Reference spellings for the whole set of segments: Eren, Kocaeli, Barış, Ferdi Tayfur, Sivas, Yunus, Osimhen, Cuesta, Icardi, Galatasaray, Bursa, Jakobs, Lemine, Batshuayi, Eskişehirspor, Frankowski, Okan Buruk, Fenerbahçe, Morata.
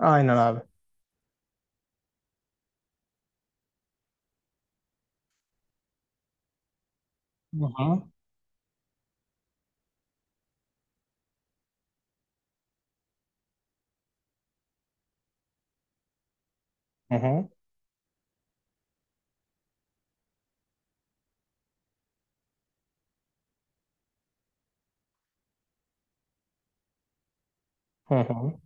Aynen abi. Hı hı. Hı hı. Hı hı.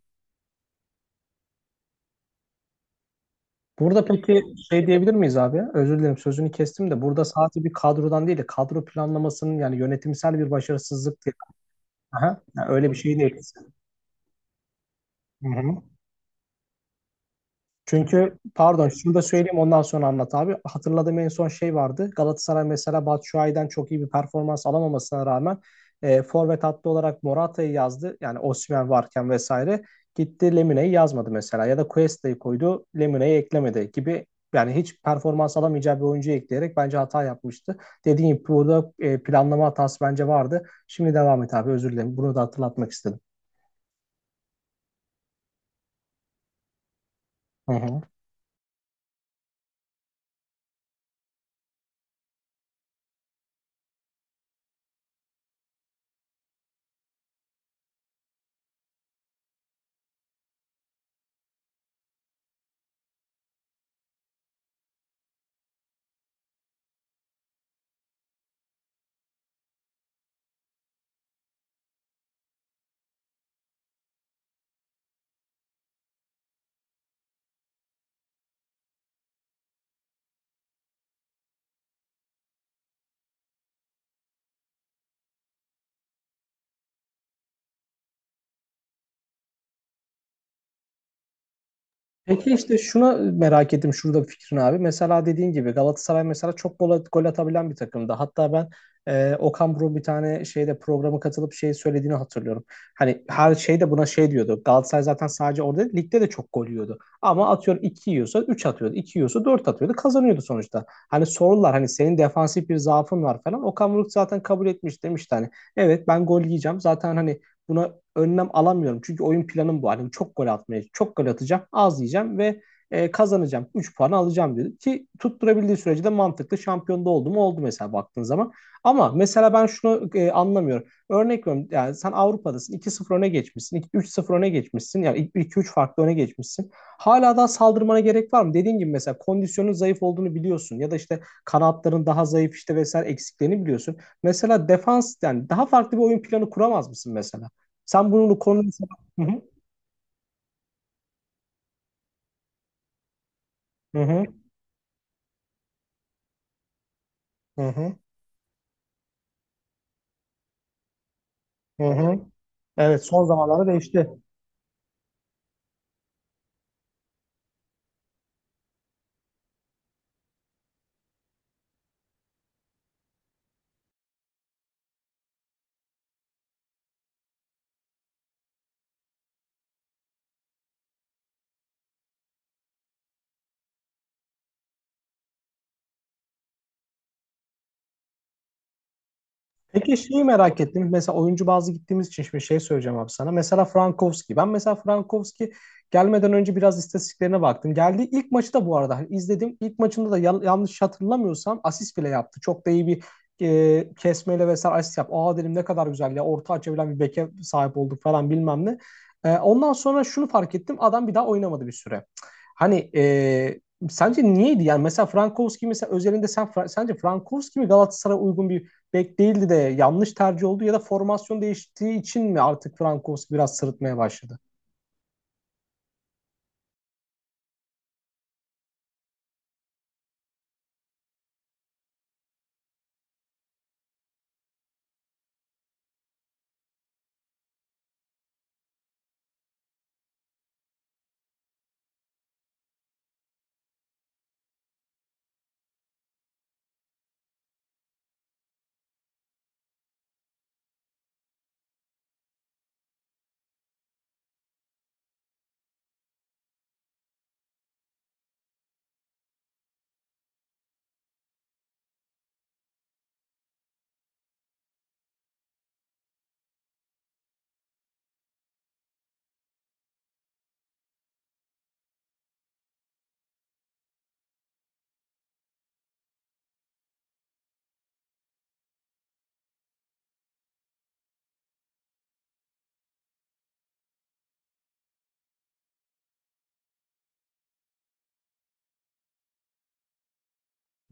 Burada peki şey diyebilir miyiz abi? Özür dilerim sözünü kestim de burada sadece bir kadrodan değil de kadro planlamasının yani yönetimsel bir başarısızlık diye. Aha, yani öyle bir şey değil. Hı hı. Çünkü pardon şunu da söyleyeyim ondan sonra anlat abi. Hatırladığım en son şey vardı. Galatasaray mesela Batshuayi'den çok iyi bir performans alamamasına rağmen forvet hattı olarak Morata'yı yazdı. Yani Osimhen varken vesaire. Gitti Lemine'yi yazmadı mesela ya da Cuesta'yı koydu Lemine'yi eklemedi gibi yani hiç performans alamayacağı bir oyuncuyu ekleyerek bence hata yapmıştı. Dediğim gibi burada planlama hatası bence vardı. Şimdi devam et abi özür dilerim. Bunu da hatırlatmak istedim. Hı hı. Peki işte şuna merak ettim şurada bir fikrin abi. Mesela dediğin gibi Galatasaray mesela çok gol, gol atabilen bir takımdı. Hatta ben Okan Buruk'un bir tane şeyde programa katılıp şey söylediğini hatırlıyorum. Hani her şeyde buna şey diyordu. Galatasaray zaten sadece orada değil, ligde de çok gol yiyordu. Ama atıyorum 2 yiyorsa 3 atıyordu. İki yiyorsa 4 atıyordu. Kazanıyordu sonuçta. Hani sorular hani senin defansif bir zaafın var falan. Okan Buruk zaten kabul etmiş demişti hani. Evet ben gol yiyeceğim. Zaten hani buna önlem alamıyorum. Çünkü oyun planım bu. Hani çok gol atmaya, çok gol atacağım, az yiyeceğim ve kazanacağım. 3 puanı alacağım dedi. Ki tutturabildiği sürece de mantıklı şampiyonda oldu mu oldu mesela baktığın zaman. Ama mesela ben şunu anlamıyorum. Örnek veriyorum yani sen Avrupa'dasın 2-0 öne geçmişsin. 3-0 öne geçmişsin. Yani iki üç farklı öne geçmişsin. Hala daha saldırmana gerek var mı? Dediğin gibi mesela kondisyonun zayıf olduğunu biliyorsun. Ya da işte kanatların daha zayıf işte vesaire eksiklerini biliyorsun. Mesela defans yani daha farklı bir oyun planı kuramaz mısın mesela? Sen bunu konuyu... Hı hı. Hı hı. Hı hı. Hı hı. Evet son zamanlarda değişti. Peki şeyi merak ettim. Mesela oyuncu bazı gittiğimiz için şimdi şey söyleyeceğim abi sana. Mesela Frankowski. Ben mesela Frankowski gelmeden önce biraz istatistiklerine baktım. Geldiği ilk maçı da bu arada hani izledim. İlk maçında da yanlış hatırlamıyorsam asist bile yaptı. Çok da iyi bir kesmeyle vesaire asist yaptı. Aa dedim ne kadar güzel ya orta açabilen bir beke sahip olduk falan bilmem ne. Ondan sonra şunu fark ettim. Adam bir daha oynamadı bir süre. Hani sence niyeydi? Yani mesela Frankowski mesela özelinde sen sence Frankowski mi Galatasaray'a uygun bir bek değildi de yanlış tercih oldu ya da formasyon değiştiği için mi artık Frankowski biraz sırıtmaya başladı?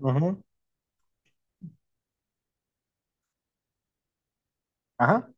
Hı hı. Aha.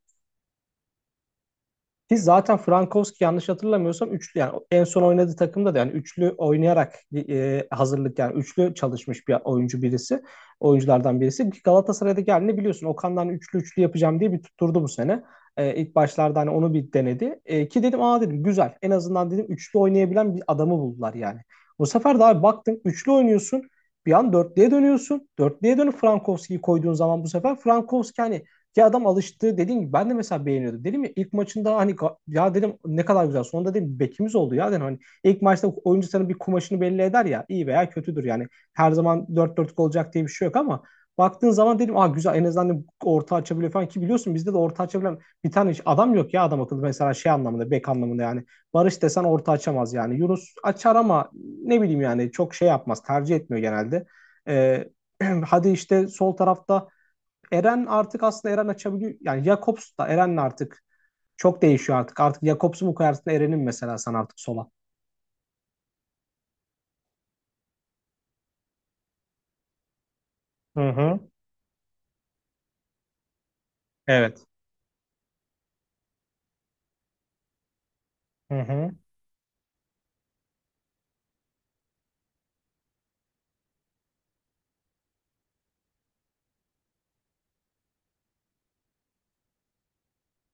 Ki zaten Frankowski yanlış hatırlamıyorsam üçlü yani en son oynadığı takımda da yani üçlü oynayarak hazırlık yani üçlü çalışmış bir oyuncu birisi. Oyunculardan birisi. Ki Galatasaray'daki halini biliyorsun. Okan'dan üçlü üçlü yapacağım diye bir tutturdu bu sene. İlk başlarda hani onu bir denedi. Ki dedim aa dedim güzel. En azından dedim üçlü oynayabilen bir adamı buldular yani. Bu sefer de abi baktın üçlü oynuyorsun. Bir an dörtlüye dönüyorsun. Dörtlüye dönüp Frankowski'yi koyduğun zaman bu sefer Frankowski hani ya adam alıştı dediğim gibi ben de mesela beğeniyordum. Dedim ya ilk maçında hani ya dedim ne kadar güzel. Sonunda dedim bekimiz oldu ya dedim. Hani ilk maçta oyuncu sana bir kumaşını belli eder ya iyi veya kötüdür yani. Her zaman dört 4 olacak diye bir şey yok ama baktığın zaman dedim aa güzel en azından dedim orta açabiliyor falan ki biliyorsun bizde de orta açabilen bir tane hiç adam yok ya adam akıllı mesela şey anlamında bek anlamında yani. Barış desen orta açamaz yani. Yunus açar ama ne bileyim yani çok şey yapmaz tercih etmiyor genelde. Ee, Hadi işte sol tarafta Eren artık aslında Eren açabiliyor. Yani Jakobs da Eren'le artık çok değişiyor artık. Artık Jakobs'u mu koyarsın Eren'in mesela sen artık sola. Hı hı. Evet. Hı hı.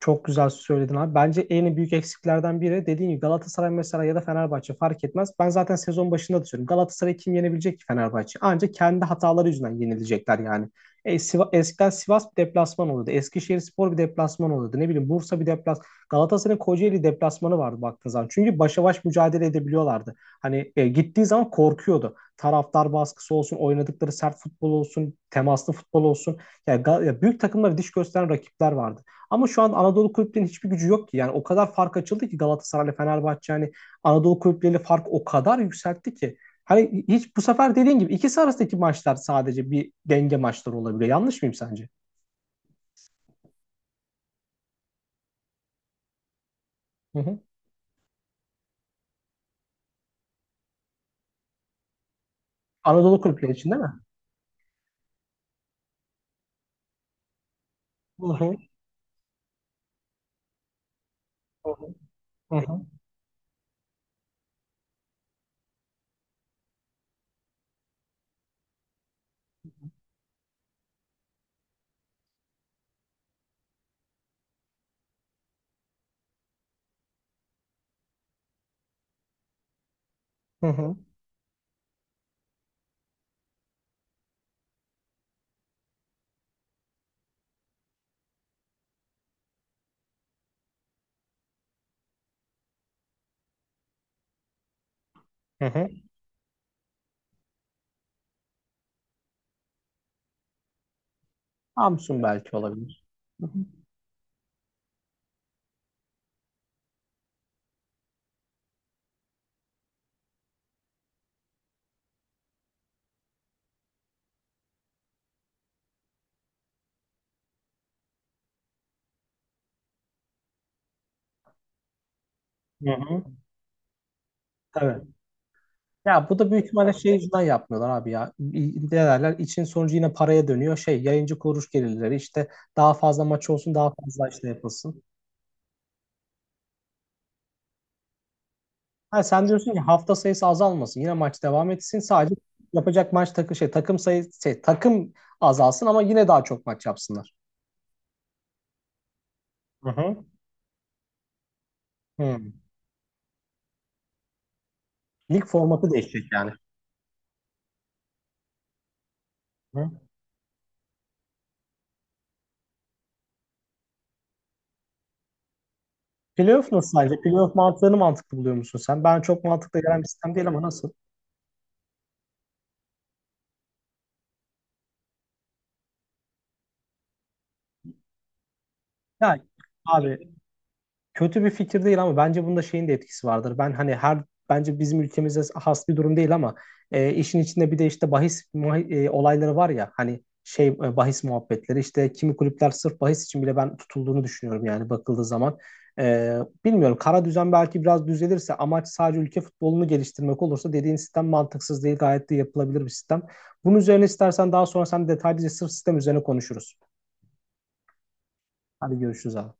Çok güzel söyledin abi. Bence en büyük eksiklerden biri dediğin gibi Galatasaray mesela ya da Fenerbahçe fark etmez. Ben zaten sezon başında da söylüyorum. Galatasaray kim yenebilecek ki Fenerbahçe? Ancak kendi hataları yüzünden yenilecekler yani. Eskiden Sivas bir deplasman oluyordu. Eskişehirspor bir deplasman oluyordu. Ne bileyim Bursa bir deplas. Galatasaray'ın Kocaeli deplasmanı vardı baktığın zaman. Çünkü başa baş mücadele edebiliyorlardı. Hani gittiği zaman korkuyordu. Taraftar baskısı olsun, oynadıkları sert futbol olsun, temaslı futbol olsun. Yani ya büyük takımlara diş gösteren rakipler vardı. Ama şu an Anadolu kulüplerinin hiçbir gücü yok ki. Yani o kadar fark açıldı ki Galatasaray'la Fenerbahçe yani Anadolu kulüpleriyle fark o kadar yükseltti ki. Hani hiç bu sefer dediğin gibi ikisi arasındaki maçlar sadece bir denge maçları olabiliyor. Yanlış mıyım sence? Hı hı. Anadolu kulüpleri için değil mi? Hı hı. Hı hı. Hı hı. Hı hı. Samsun belki olabilir. Hı hı. Hı hı. Evet. Ya bu da büyük ihtimalle şey yüzünden yapmıyorlar abi ya. Ne derler? İçin sonucu yine paraya dönüyor. Şey yayıncı kuruluş gelirleri işte daha fazla maç olsun daha fazla işte yapılsın. Ha, sen diyorsun ki hafta sayısı azalmasın. Yine maç devam etsin. Sadece yapacak maç şey takım sayısı şey, takım azalsın ama yine daha çok maç yapsınlar. Hı hı. Hı. Lig formatı değişecek yani. Hı. Playoff nasıl sence? Playoff mantığını mantıklı buluyor musun sen? Ben çok mantıklı gelen bir sistem değil ama nasıl? Yani abi kötü bir fikir değil ama bence bunda şeyin de etkisi vardır. Ben hani her bence bizim ülkemizde has bir durum değil ama işin içinde bir de işte bahis olayları var ya hani şey bahis muhabbetleri işte kimi kulüpler sırf bahis için bile ben tutulduğunu düşünüyorum yani bakıldığı zaman. E, Bilmiyorum kara düzen belki biraz düzelirse amaç sadece ülke futbolunu geliştirmek olursa dediğin sistem mantıksız değil gayet de yapılabilir bir sistem. Bunun üzerine istersen daha sonra sen detaylıca sırf sistem üzerine konuşuruz. Hadi görüşürüz abi.